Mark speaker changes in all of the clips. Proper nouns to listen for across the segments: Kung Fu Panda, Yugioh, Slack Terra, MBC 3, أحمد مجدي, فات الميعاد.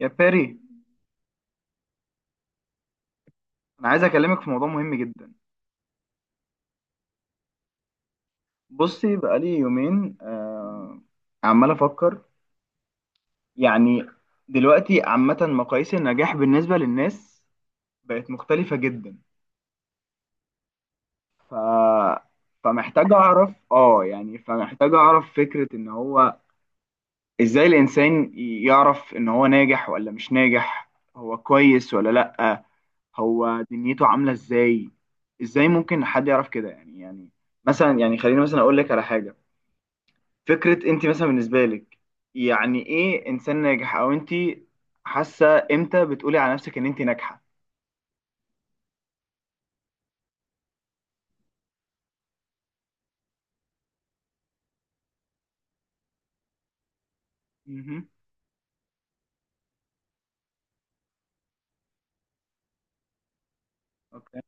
Speaker 1: يا باري، انا عايز اكلمك في موضوع مهم جدا. بصي، بقالي يومين عمال افكر. يعني دلوقتي عامة مقاييس النجاح بالنسبة للناس بقت مختلفة جدا. ف... فمحتاج اعرف، فمحتاج اعرف فكرة ان هو ازاي الانسان يعرف ان هو ناجح ولا مش ناجح، هو كويس ولا لأ، هو دنيته عاملة ازاي. ازاي ممكن حد يعرف كده؟ يعني مثلا، يعني خليني مثلا اقول لك على حاجة. فكرة انت مثلا بالنسبة لك يعني ايه انسان ناجح؟ او انت حاسة امتى بتقولي على نفسك ان انت ناجحة؟ مهم. اوكي.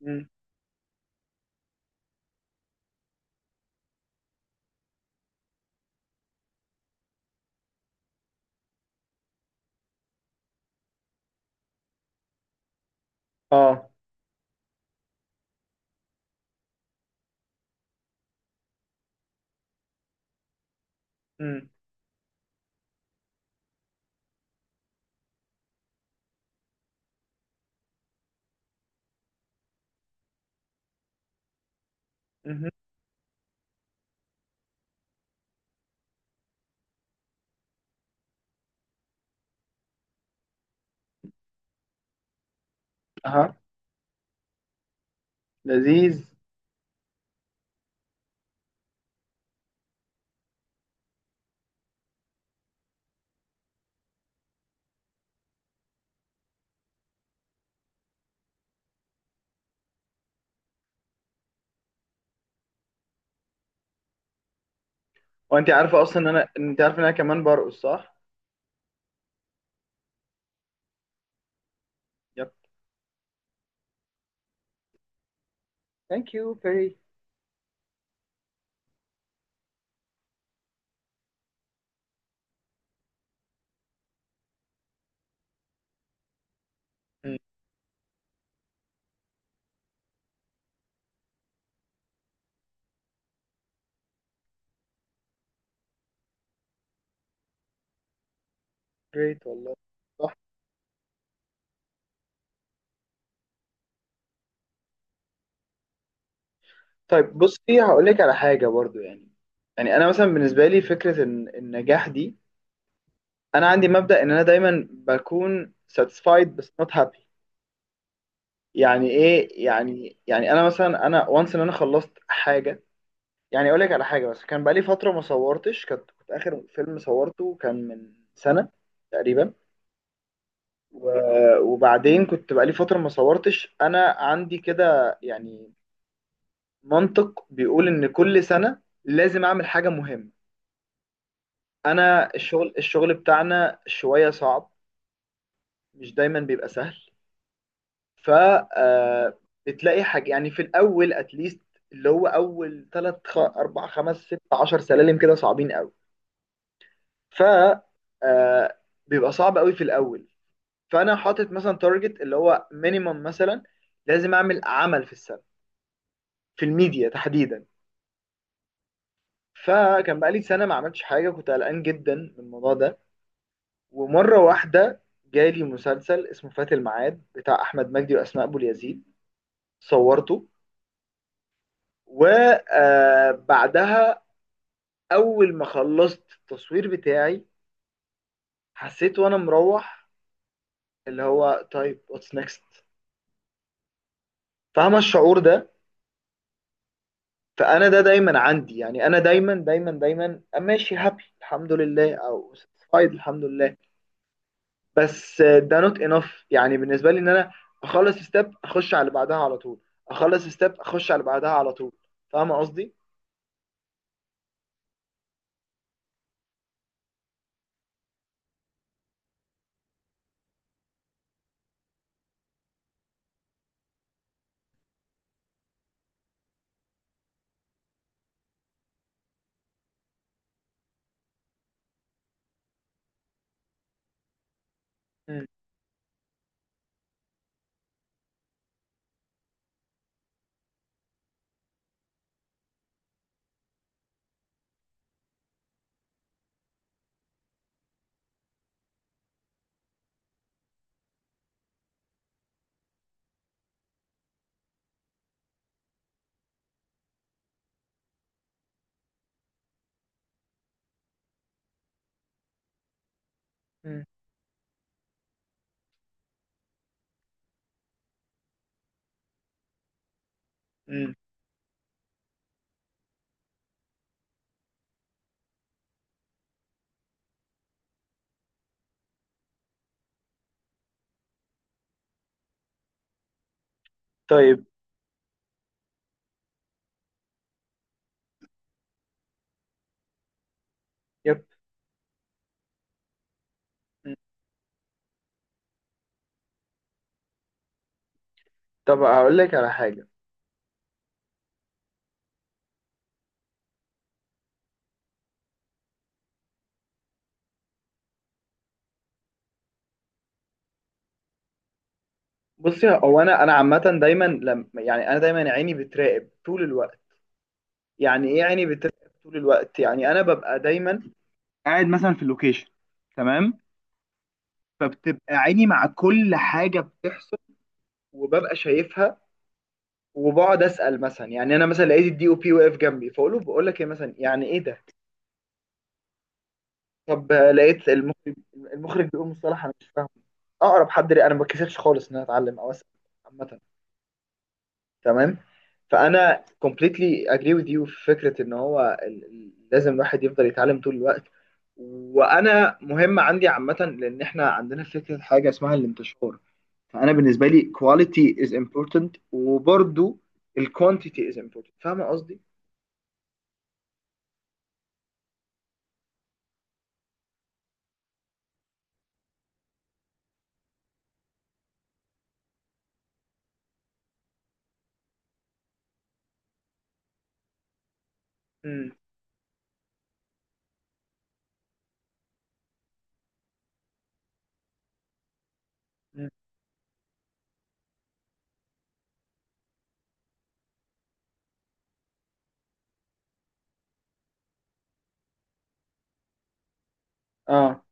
Speaker 1: مم. اه. مم. مهم. اها، لذيذ. وانت عارفه اصلا ان انا، انت عارفه ان انا كمان برقص، صح؟ يب. ثانك يو فيري. جريت والله. صح. طيب بصي، هقول لك على حاجه برضو. يعني يعني انا مثلا بالنسبه لي فكره ان النجاح دي، انا عندي مبدا ان انا دايما بكون satisfied بس not happy. يعني ايه يعني؟ يعني انا مثلا انا وانس ان انا خلصت حاجه. يعني اقول لك على حاجه، بس كان بقالي فتره ما صورتش. كنت اخر فيلم صورته كان من سنه تقريبا. وبعدين كنت بقالي فتره ما صورتش. انا عندي كده يعني منطق بيقول ان كل سنه لازم اعمل حاجه مهمه. انا الشغل بتاعنا شويه صعب، مش دايما بيبقى سهل. ف آه، بتلاقي حاجة يعني في الأول أتليست، اللي هو أول تلات أربع خمس ست عشر سلالم كده صعبين أوي. ف آه، بيبقى صعب أوي في الأول. فأنا حاطط مثلا تارجت اللي هو مينيمم مثلا، لازم أعمل عمل في السنة، في الميديا تحديدا. فكان بقالي سنة ما عملتش حاجة، كنت قلقان جدا من الموضوع ده. ومرة واحدة جالي مسلسل اسمه فات الميعاد بتاع أحمد مجدي وأسماء أبو اليزيد. صورته، وبعدها اول ما خلصت التصوير بتاعي، حسيت وانا مروح اللي هو طيب، واتس نيكست؟ فاهمه الشعور ده؟ فانا ده دايما عندي، يعني انا دايما ماشي هابي الحمد لله او ساتيسفايد الحمد لله، بس ده نوت انف يعني بالنسبه لي. ان انا اخلص ستيب اخش على اللي بعدها على طول، اخلص ستيب اخش على اللي بعدها على طول. فاهمه قصدي؟ مم. مم. مم. طيب. يب. مم. طب هقول لك على حاجه. بصي، هو انا عامه دايما لما، يعني انا دايما عيني بتراقب طول الوقت. يعني ايه عيني بتراقب طول الوقت؟ يعني انا ببقى دايما قاعد مثلا في اللوكيشن، تمام؟ فبتبقى عيني مع كل حاجه بتحصل وببقى شايفها. وبقعد اسال، مثلا يعني انا مثلا لقيت الدي او بي واقف جنبي، فاقول له بقول لك ايه مثلا، يعني ايه ده؟ طب لقيت المخرج، المخرج بيقول مصطلح انا مش فاهمه، اقرب حد ليه انا ما بتكسفش خالص ان انا اتعلم او اسال. عامه، تمام. فانا completely agree with you في فكره ان هو لازم الواحد يفضل يتعلم طول الوقت. وانا مهم عندي عامه، لان احنا عندنا فكره حاجه اسمها الانتشار. فانا بالنسبه لي quality is important، وبرضو ال quantity is important. فاهم قصدي؟ امم. أمم. اه.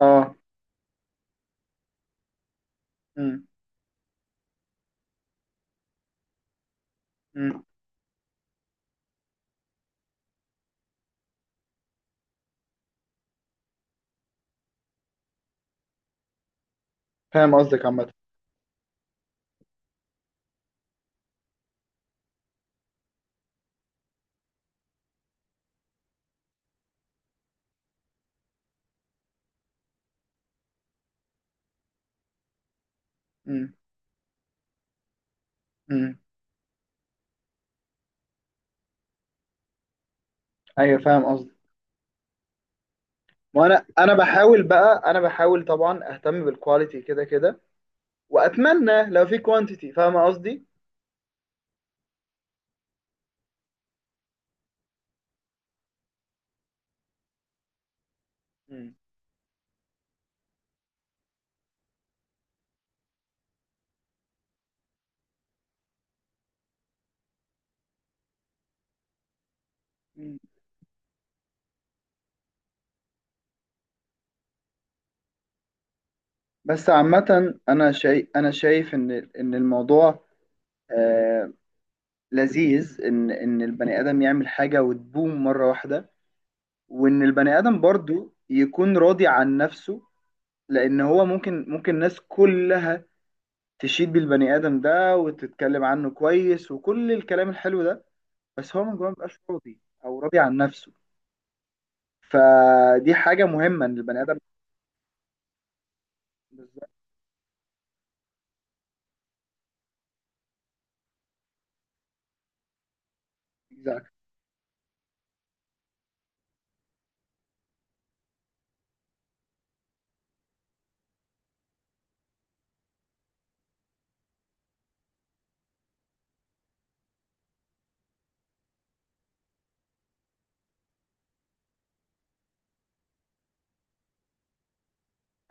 Speaker 1: اه. امم. امم. فاهم قصدك عامه. امم. امم. ايوه، فاهم قصدك. وانا بحاول بقى، انا بحاول طبعا اهتم بالكواليتي كده كده، واتمنى لو في كوانتيتي. فاهمه قصدي؟ مم. مم. بس عامة أنا شايف إن إن الموضوع آه لذيذ. إن إن البني آدم يعمل حاجة وتبوم مرة واحدة، وإن البني آدم برضو يكون راضي عن نفسه. لأن هو ممكن الناس كلها تشيد بالبني آدم ده وتتكلم عنه كويس وكل الكلام الحلو ده، بس هو من جواه مبقاش راضي أو راضي عن نفسه. فدي حاجة مهمة إن البني آدم. بالظبط. بالظبط.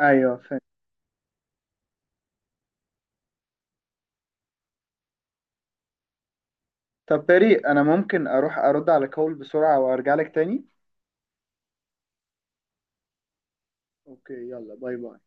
Speaker 1: أيوه. طب بريء انا ممكن اروح ارد على كول بسرعة وارجع لك تاني؟ اوكي، يلا باي باي.